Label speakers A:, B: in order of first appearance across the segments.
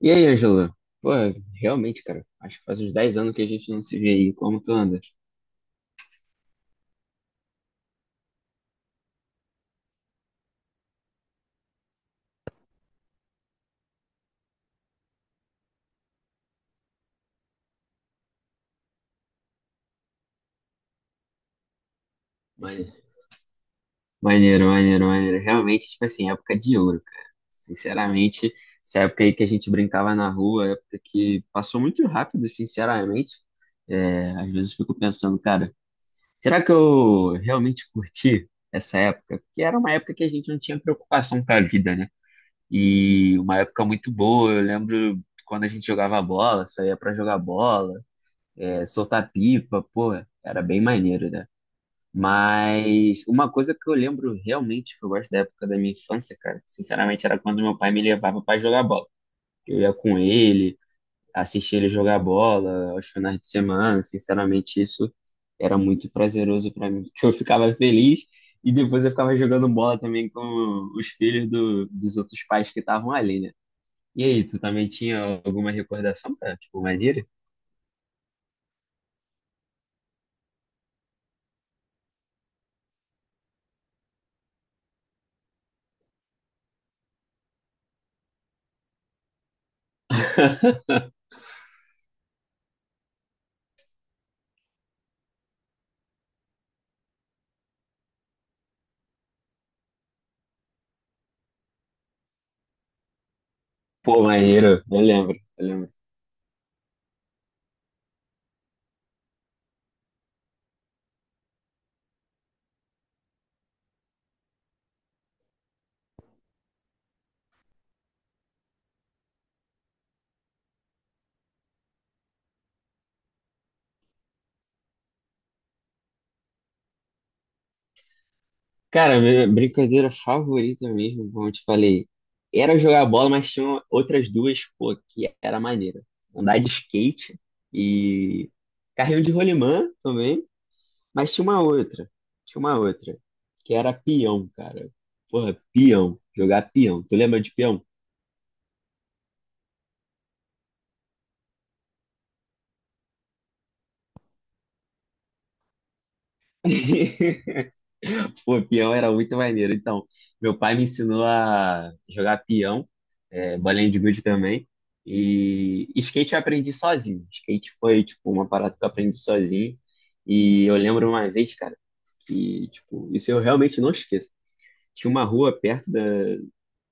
A: E aí, Angela? Pô, realmente, cara, acho que faz uns 10 anos que a gente não se vê aí. Como tu anda? Mane- Maneiro, maneiro, maneiro. Realmente, tipo assim, época de ouro, cara. Sinceramente, essa época aí que a gente brincava na rua, época que passou muito rápido, sinceramente. É, às vezes fico pensando, cara, será que eu realmente curti essa época? Porque era uma época que a gente não tinha preocupação com a vida, né? E uma época muito boa. Eu lembro quando a gente jogava bola, saía pra jogar bola. É, soltar pipa, pô, era bem maneiro, né? Mas uma coisa que eu lembro realmente que eu gosto da época da minha infância, cara, sinceramente, era quando meu pai me levava pra jogar bola. Eu ia com ele, assistia ele jogar bola aos finais de semana, sinceramente, isso era muito prazeroso pra mim, porque eu ficava feliz e depois eu ficava jogando bola também com os filhos dos outros pais que estavam ali, né? E aí, tu também tinha alguma recordação, cara? Tipo, maneiro? Pô, maneiro, eu lembro. Cara, minha brincadeira favorita mesmo, como eu te falei, era jogar bola, mas tinha outras duas, pô, que era maneira. Andar de skate e carrinho de rolimã também, mas tinha uma outra, que era peão, cara. Porra, peão, jogar peão. Tu lembra de peão? Pô, peão era muito maneiro. Então, meu pai me ensinou a jogar peão, é, bolinha de gude também. E skate eu aprendi sozinho. Skate foi, tipo, uma parada que eu aprendi sozinho. E eu lembro uma vez, cara, que, tipo, isso eu realmente não esqueço. Tinha uma rua perto da,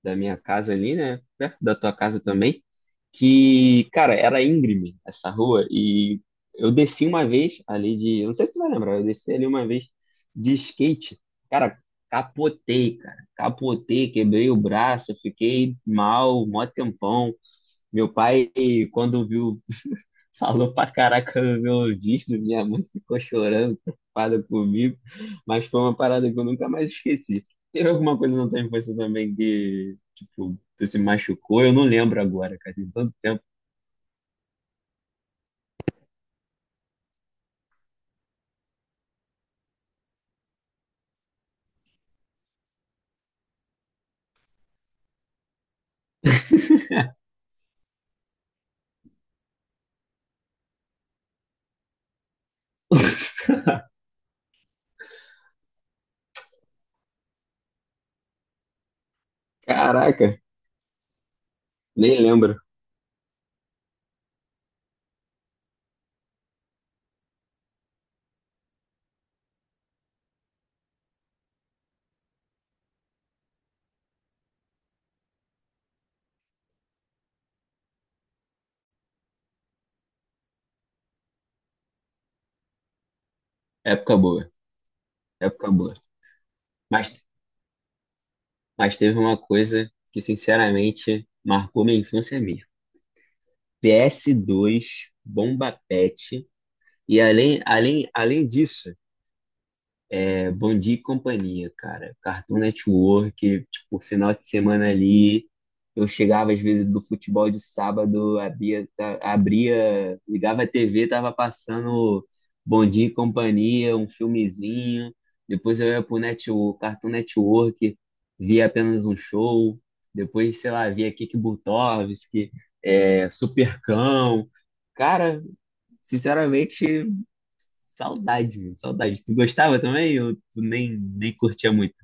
A: da minha casa ali, né? Perto da tua casa também. Que, cara, era íngreme essa rua. E eu desci uma vez ali de. Eu não sei se tu vai lembrar, eu desci ali uma vez de skate. Cara, cara. Capotei, quebrei o braço, fiquei mal, mó tempão. Meu pai, quando viu, falou pra caraca no meu ouvido, minha mãe ficou chorando, preocupada comigo, mas foi uma parada que eu nunca mais esqueci. Teve alguma coisa na tua infância também que, tipo, tu se machucou? Eu não lembro agora, cara, tem tanto tempo. Caraca, nem lembro. Época boa, época boa. Mas, mas teve uma coisa que, sinceramente, marcou minha infância mesmo. PS2, Bomba Pet, e além disso. É, Bom Dia e Companhia, cara. Cartoon Network, tipo, final de semana ali. Eu chegava às vezes do futebol de sábado, abria, ligava a TV, tava passando Bom Dia e Companhia, um filmezinho. Depois eu ia pro net, o Cartoon Network, via apenas um show. Depois, sei lá, via Kiki Butovski, é, Supercão. Cara, sinceramente. Saudade, meu, saudade. Tu gostava também ou tu nem curtia muito?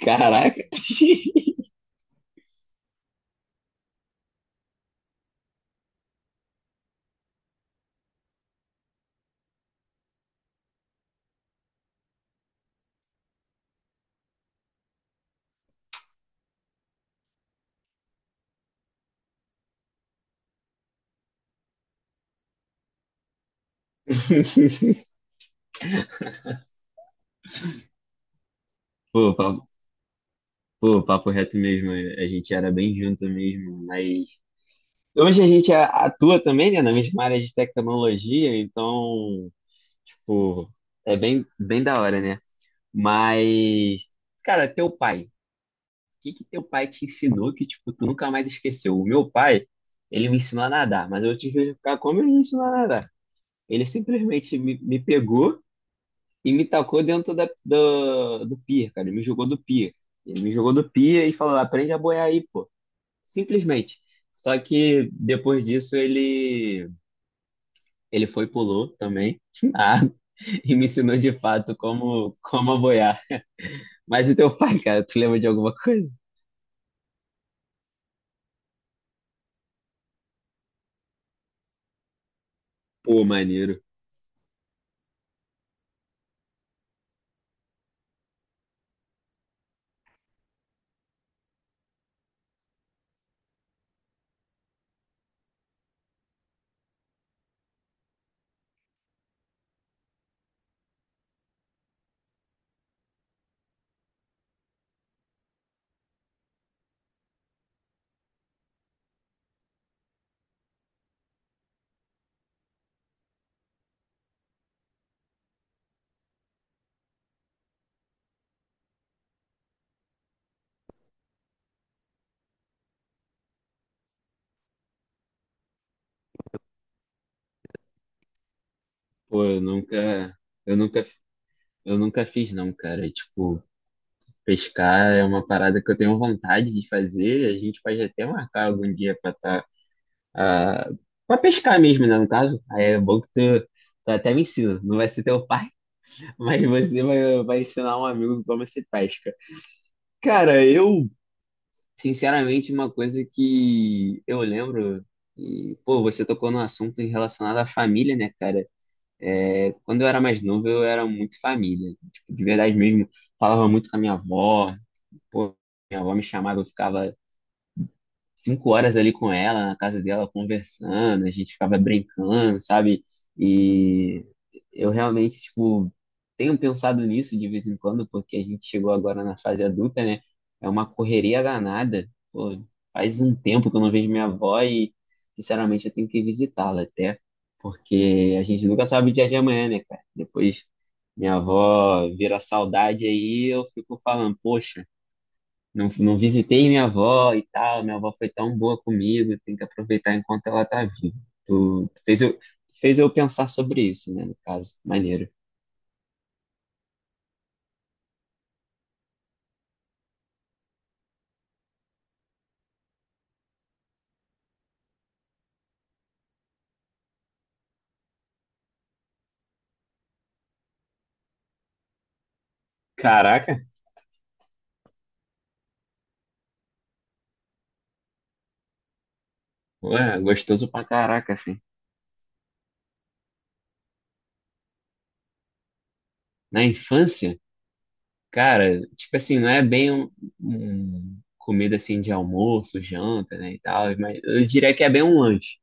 A: Caraca. Pô, papo, pô, papo reto mesmo, a gente era bem junto mesmo, mas hoje a gente atua também, né, na mesma área de tecnologia, então, tipo, é bem, bem da hora, né? Mas, cara, teu pai, o que que teu pai te ensinou que, tipo, tu nunca mais esqueceu? O meu pai, ele me ensinou a nadar, mas eu tive que ficar como ele me ensinou a nadar. Ele simplesmente me pegou e me tacou dentro do pier, cara. Ele me jogou do pier. Ele me jogou do pier e falou: aprende a boiar aí, pô. Simplesmente. Só que depois disso ele foi e pulou também na água e me ensinou de fato como a boiar. Mas e teu pai, cara, tu lembra de alguma coisa? Pô, maneiro. Pô, eu nunca eu nunca fiz não, cara. Tipo, pescar é uma parada que eu tenho vontade de fazer, a gente pode até marcar algum dia para estar ah, pra pescar mesmo, né? No caso, aí é bom que tu até me ensina. Não vai ser teu pai, mas você vai ensinar um amigo como se pesca. Cara, eu, sinceramente, uma coisa que eu lembro, e, pô, você tocou no assunto em relacionado à família, né, cara? É, quando eu era mais novo, eu era muito família. Tipo, de verdade mesmo, falava muito com a minha avó. Pô, minha avó me chamava, eu ficava 5 horas ali com ela, na casa dela, conversando, a gente ficava brincando, sabe? E eu realmente, tipo, tenho pensado nisso de vez em quando, porque a gente chegou agora na fase adulta, né? É uma correria danada. Pô, faz um tempo que eu não vejo minha avó e, sinceramente, eu tenho que visitá-la até, porque a gente nunca sabe o dia de amanhã, né, cara? Depois minha avó vira saudade aí, eu fico falando, poxa. Não, não visitei minha avó e tal. Minha avó foi tão boa comigo, tem que aproveitar enquanto ela tá viva. Tu fez eu pensar sobre isso, né? No caso, maneiro. Caraca, ué, gostoso pra caraca, filho. Na infância, cara, tipo assim, não é bem um comida assim de almoço, janta, né, e tal, mas eu diria que é bem um lanche.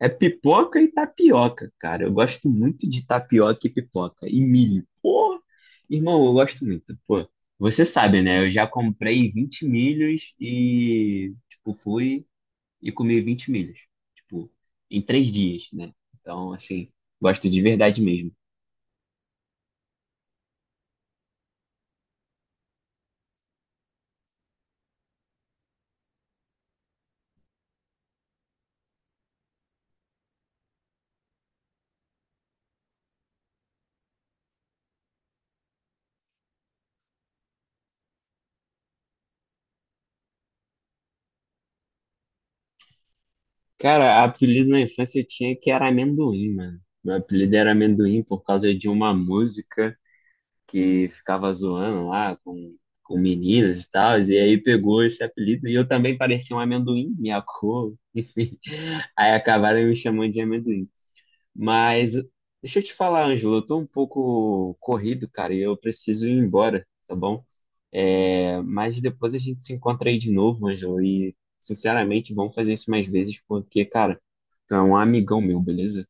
A: É pipoca e tapioca, cara. Eu gosto muito de tapioca e pipoca. E milho. Pô, irmão, eu gosto muito. Pô, você sabe, né? Eu já comprei 20 milhos e, tipo, fui e comi 20 milhos. Tipo, em 3 dias, né? Então, assim, gosto de verdade mesmo. Cara, apelido na infância eu tinha que era amendoim, mano. Meu apelido era amendoim por causa de uma música que ficava zoando lá com meninas e tal, e aí pegou esse apelido, e eu também parecia um amendoim, minha cor, enfim. Aí acabaram me chamando de amendoim. Mas deixa eu te falar, Ângelo, eu tô um pouco corrido, cara, e eu preciso ir embora, tá bom? É, mas depois a gente se encontra aí de novo, Ângelo, e sinceramente vamos fazer isso mais vezes, porque, cara, tu é um amigão meu, beleza?